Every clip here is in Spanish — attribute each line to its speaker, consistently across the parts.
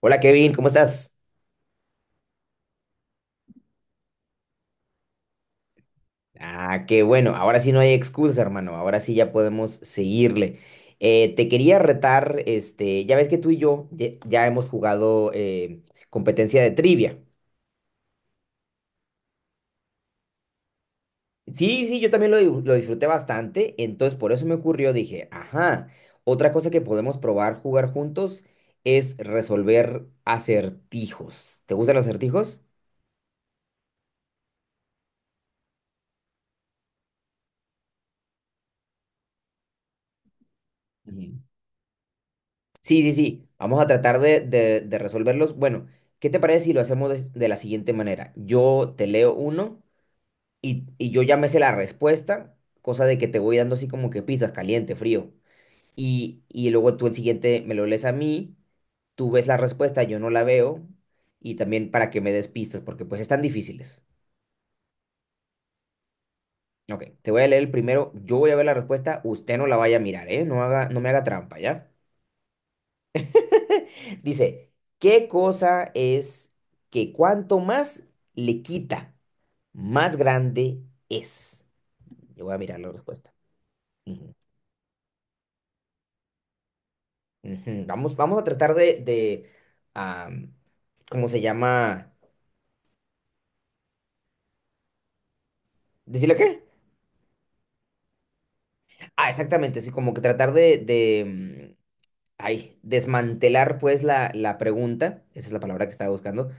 Speaker 1: Hola Kevin, ¿cómo estás? Ah, qué bueno, ahora sí no hay excusas, hermano, ahora sí ya podemos seguirle. Te quería retar, ya ves que tú y yo ya hemos jugado competencia de trivia. Sí, sí, yo también lo disfruté bastante, entonces por eso me ocurrió, dije, ajá, otra cosa que podemos probar jugar juntos es resolver acertijos. ¿Te gustan los acertijos? Sí, sí, sí. Vamos a tratar de resolverlos. Bueno, ¿qué te parece si lo hacemos de la siguiente manera? Yo te leo uno y yo ya me sé la respuesta, cosa de que te voy dando así como que pistas, caliente, frío. Y luego tú el siguiente me lo lees a mí, tú ves la respuesta, yo no la veo, y también para que me des pistas, porque pues están difíciles. Ok, te voy a leer el primero, yo voy a ver la respuesta, usted no la vaya a mirar, ¿eh? No haga, no me haga trampa, ¿ya? Dice, ¿qué cosa es que cuanto más le quita, más grande es? Yo voy a mirar la respuesta. Ujú, ujú. Vamos, vamos a tratar de, am, ¿cómo se llama? ¿Decirle qué? Ah, exactamente, sí, como que tratar de ay, desmantelar pues la pregunta, esa es la palabra que estaba buscando,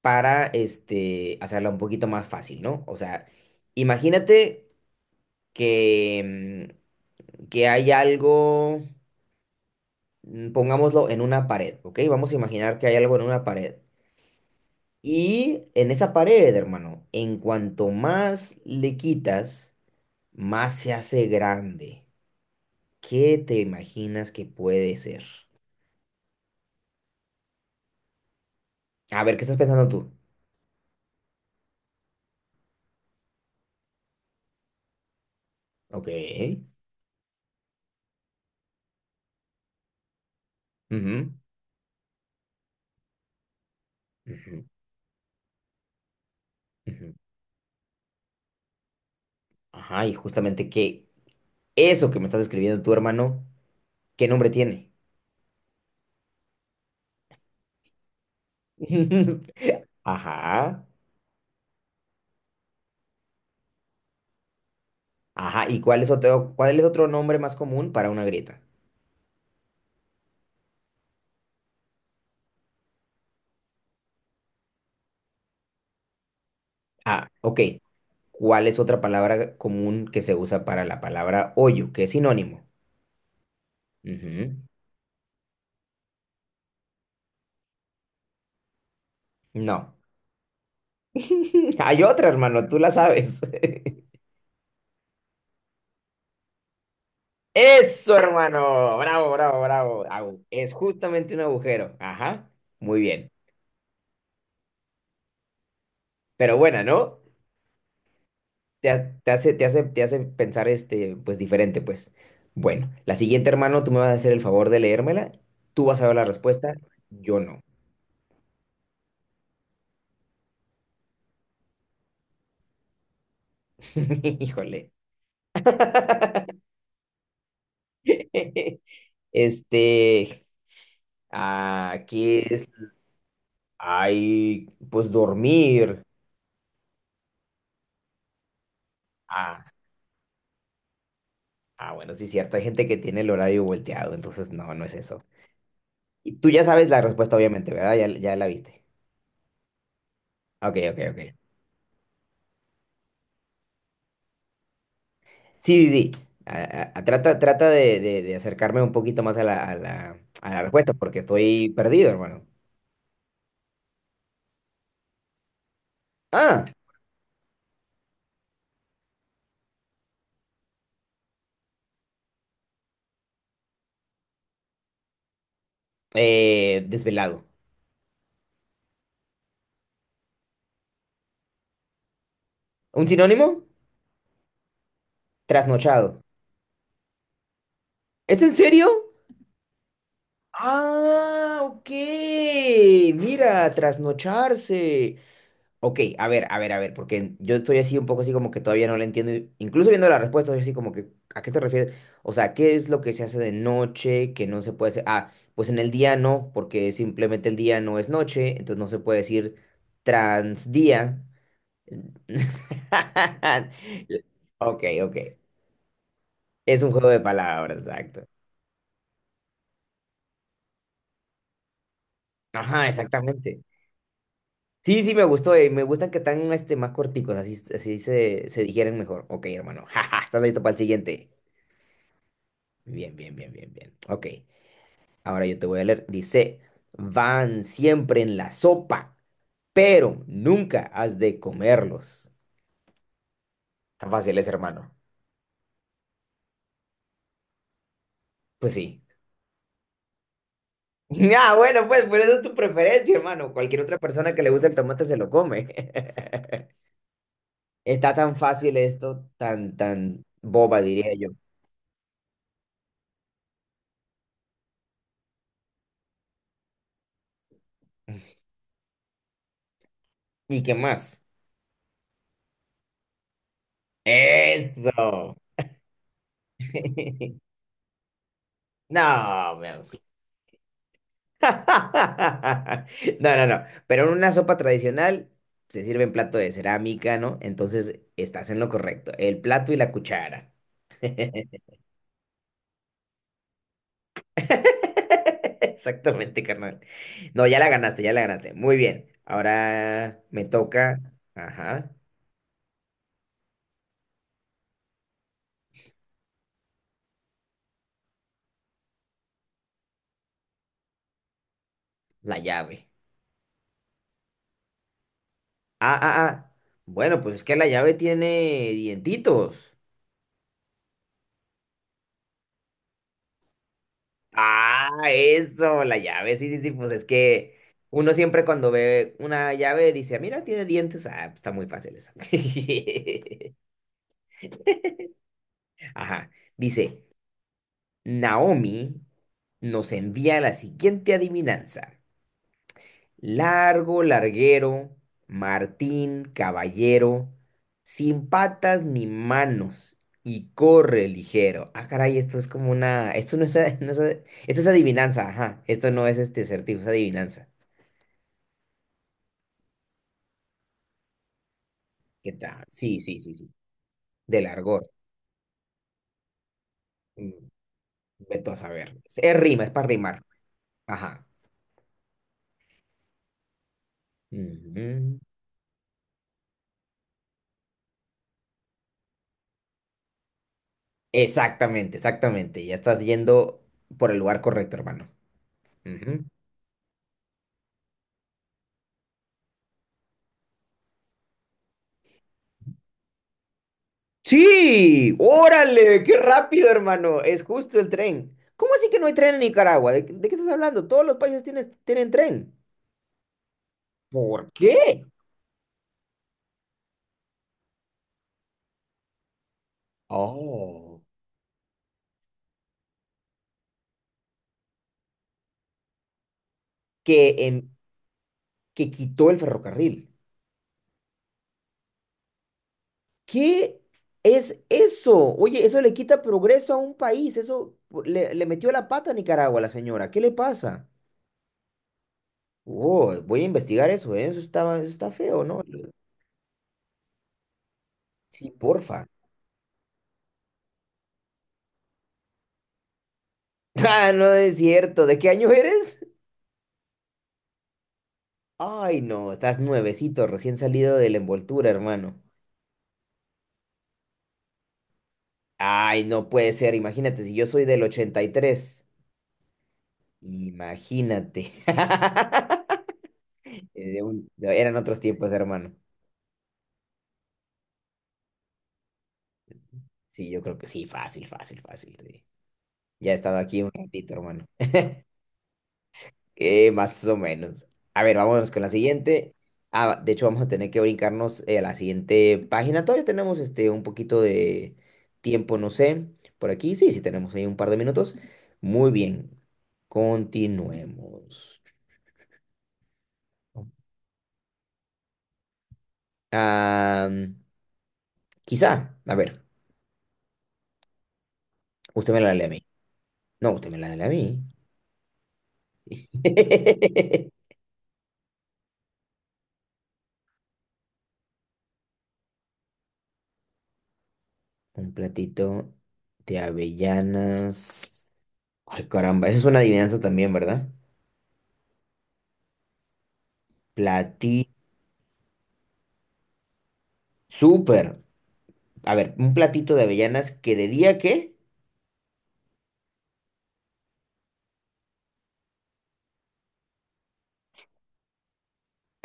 Speaker 1: para hacerla un poquito más fácil, ¿no? O sea, imagínate que que hay algo, pongámoslo en una pared, ¿ok? Vamos a imaginar que hay algo en una pared. Y en esa pared, hermano, en cuanto más le quitas, más se hace grande. ¿Qué te imaginas que puede ser? A ver, ¿qué estás pensando tú? Ok. Ujú, ujú, ujú. Ajá, y justamente que eso que me estás escribiendo tú, hermano, ¿qué nombre tiene? Ajá. Ajá, ¿y cuál es otro nombre más común para una grieta? Ah, ok. ¿Cuál es otra palabra común que se usa para la palabra hoyo, que es sinónimo? Ujú. No. Hay otra, hermano, tú la sabes. Eso, hermano. Bravo, bravo, bravo. Au. Es justamente un agujero. Ajá. Muy bien. Pero buena, ¿no? Te, ha- te hace, te hace, te hace pensar pues diferente, pues. Bueno, la siguiente, hermano, tú me vas a hacer el favor de leérmela. Tú vas a ver la respuesta, yo no. Híjole. Este, aquí es, hay, pues dormir. Ah, ah, bueno, sí, cierto. Hay gente que tiene el horario volteado, entonces no, no es eso. Y tú ya sabes la respuesta, obviamente, ¿verdad? Ya, ya la viste. Ok, ok, ok. Sí, sí, sí. Ah, ah, trata de acercarme un poquito más a la respuesta, porque estoy perdido, hermano. Ah, desvelado. ¿Un sinónimo? Trasnochado. ¿Es en serio? Ah, ok. Mira, trasnocharse. Ok, a ver, a ver, a ver, porque yo estoy así un poco así como que todavía no lo entiendo. Incluso viendo la respuesta, yo así como que, ¿a qué te refieres? O sea, ¿qué es lo que se hace de noche que no se puede hacer? Ah, pues en el día no, porque simplemente el día no es noche, entonces no se puede decir transdía. Ok, ok. Es un juego de palabras, exacto. Ajá, exactamente. Sí, sí, me gustó, me gustan que están más corticos, así, así se, se digieren mejor. Ok, hermano. Jaja, ¿estás listo para el siguiente? Bien, bien, bien, bien, bien. Ok, ahora yo te voy a leer. Dice, van siempre en la sopa, pero nunca has de comerlos. Tan fácil es, hermano. Pues sí. Ah, bueno, pues, pero esa es tu preferencia, hermano. Cualquier otra persona que le guste el tomate se lo come. Está tan fácil esto, tan, tan boba, diría yo. ¿Y qué más? Eso. No, No, no, no. Pero en una sopa tradicional se sirve en plato de cerámica, ¿no? Entonces estás en lo correcto. El plato y la cuchara. Exactamente, carnal. No, ya la ganaste, ya la ganaste. Muy bien. Ahora me toca, ajá, la llave. Ah, ah, ah. Bueno, pues es que la llave tiene dientitos. Ah, eso, la llave, sí, sí, sí, pues es que uno siempre cuando ve una llave dice, "Ah, mira, tiene dientes, ah, pues está muy fácil esa. Ajá, dice, Naomi nos envía la siguiente adivinanza. Largo, larguero, Martín, caballero, sin patas ni manos y corre ligero. Ah, caray, esto es como una, esto no no esto es adivinanza, ajá, esto no es este acertijo, es adivinanza. ¿Qué tal? Sí, sí, sí, sí. Del argot. Mm, Vete a saber. Es rima, es para rimar. Ajá. Ujú. Exactamente, exactamente. Ya estás yendo por el lugar correcto, hermano. Ujú. Sí, órale, qué rápido, hermano. Es justo el tren. ¿Cómo así que no hay tren en Nicaragua? ¿De qué estás hablando? Todos los países tienen, tienen tren. ¿Por qué? Oh. Que, en, que quitó el ferrocarril. ¿Qué es eso? Oye, eso le quita progreso a un país. Eso le metió la pata a Nicaragua, la señora. ¿Qué le pasa? Oh, voy a investigar eso, ¿eh? Eso está feo, ¿no? Sí, porfa. Ah, no es cierto. ¿De qué año eres? Ay, no, estás nuevecito, recién salido de la envoltura, hermano. Ay, no puede ser. Imagínate, si yo soy del 83. Imagínate. Eran otros tiempos, hermano. Sí, yo creo que sí, fácil, fácil, fácil, sí. Ya he estado aquí un ratito, hermano. Más o menos. A ver, vámonos con la siguiente. Ah, de hecho, vamos a tener que brincarnos a la siguiente página. Todavía tenemos un poquito de tiempo, no sé, por aquí. Sí, sí, tenemos ahí un par de minutos. Muy bien. Continuemos. Ah, quizá, a ver, usted me la lee a mí. No, usted me la lee a mí. Un platito de avellanas. Ay, caramba, esa es una adivinanza también, ¿verdad? Platí. Súper. A ver, un platito de avellanas que de día que.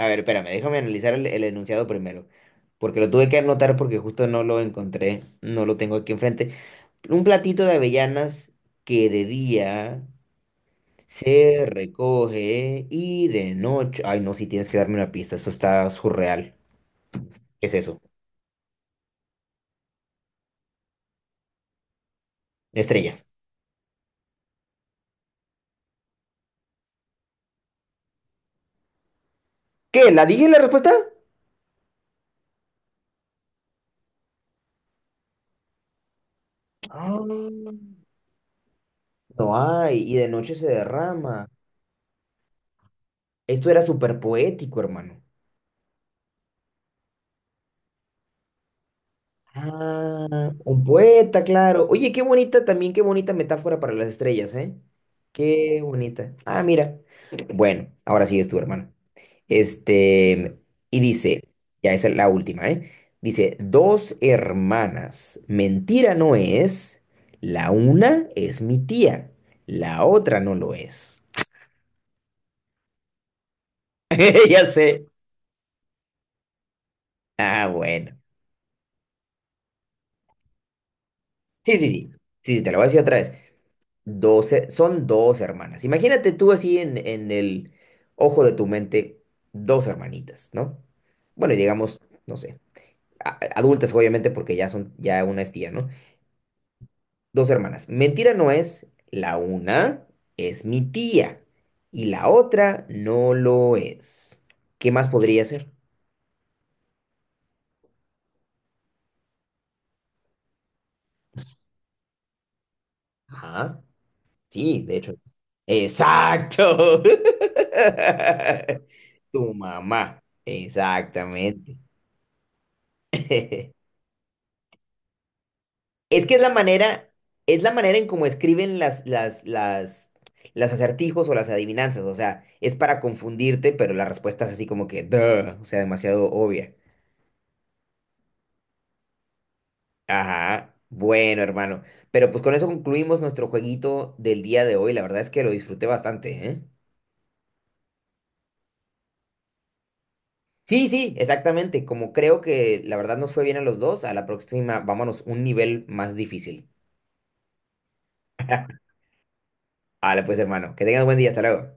Speaker 1: A ver, espérame, déjame analizar el enunciado primero. Porque lo tuve que anotar porque justo no lo encontré. No lo tengo aquí enfrente. Un platito de avellanas que de día se recoge y de noche. Ay, no, si tienes que darme una pista. Esto está surreal. ¿Qué es eso? Estrellas. ¿Qué? ¿La dije la respuesta? Ah, no hay. Y de noche se derrama. Esto era súper poético, hermano. Ah, un poeta, claro. Oye, qué bonita también, qué bonita metáfora para las estrellas, ¿eh? Qué bonita. Ah, mira. Bueno, ahora sí es tu hermano. Este, y dice, ya esa es la última, ¿eh? Dice, dos hermanas, mentira no es, la una es mi tía, la otra no lo es. Ya sé. Ah, bueno. Sí, sí, sí, sí, sí, te lo voy a decir otra vez. 12, son dos hermanas. Imagínate tú así en el ojo de tu mente, dos hermanitas, ¿no? Bueno, y digamos, no sé, adultas obviamente porque ya son, ya una es tía, ¿no? Dos hermanas. Mentira no es, la una es mi tía y la otra no lo es. ¿Qué más podría ser? Ajá, sí, de hecho. Exacto. Tu mamá, exactamente. Es que es la manera en cómo escriben las acertijos o las adivinanzas. O sea, es para confundirte, pero la respuesta es así como que, duh, o sea, demasiado obvia. Ajá. Bueno, hermano. Pero pues con eso concluimos nuestro jueguito del día de hoy. La verdad es que lo disfruté bastante, ¿eh? Sí, sí, exactamente. Como creo que la verdad nos fue bien a los dos, a la próxima vámonos un nivel más difícil. Vale, pues hermano, que tengas buen día. Hasta luego.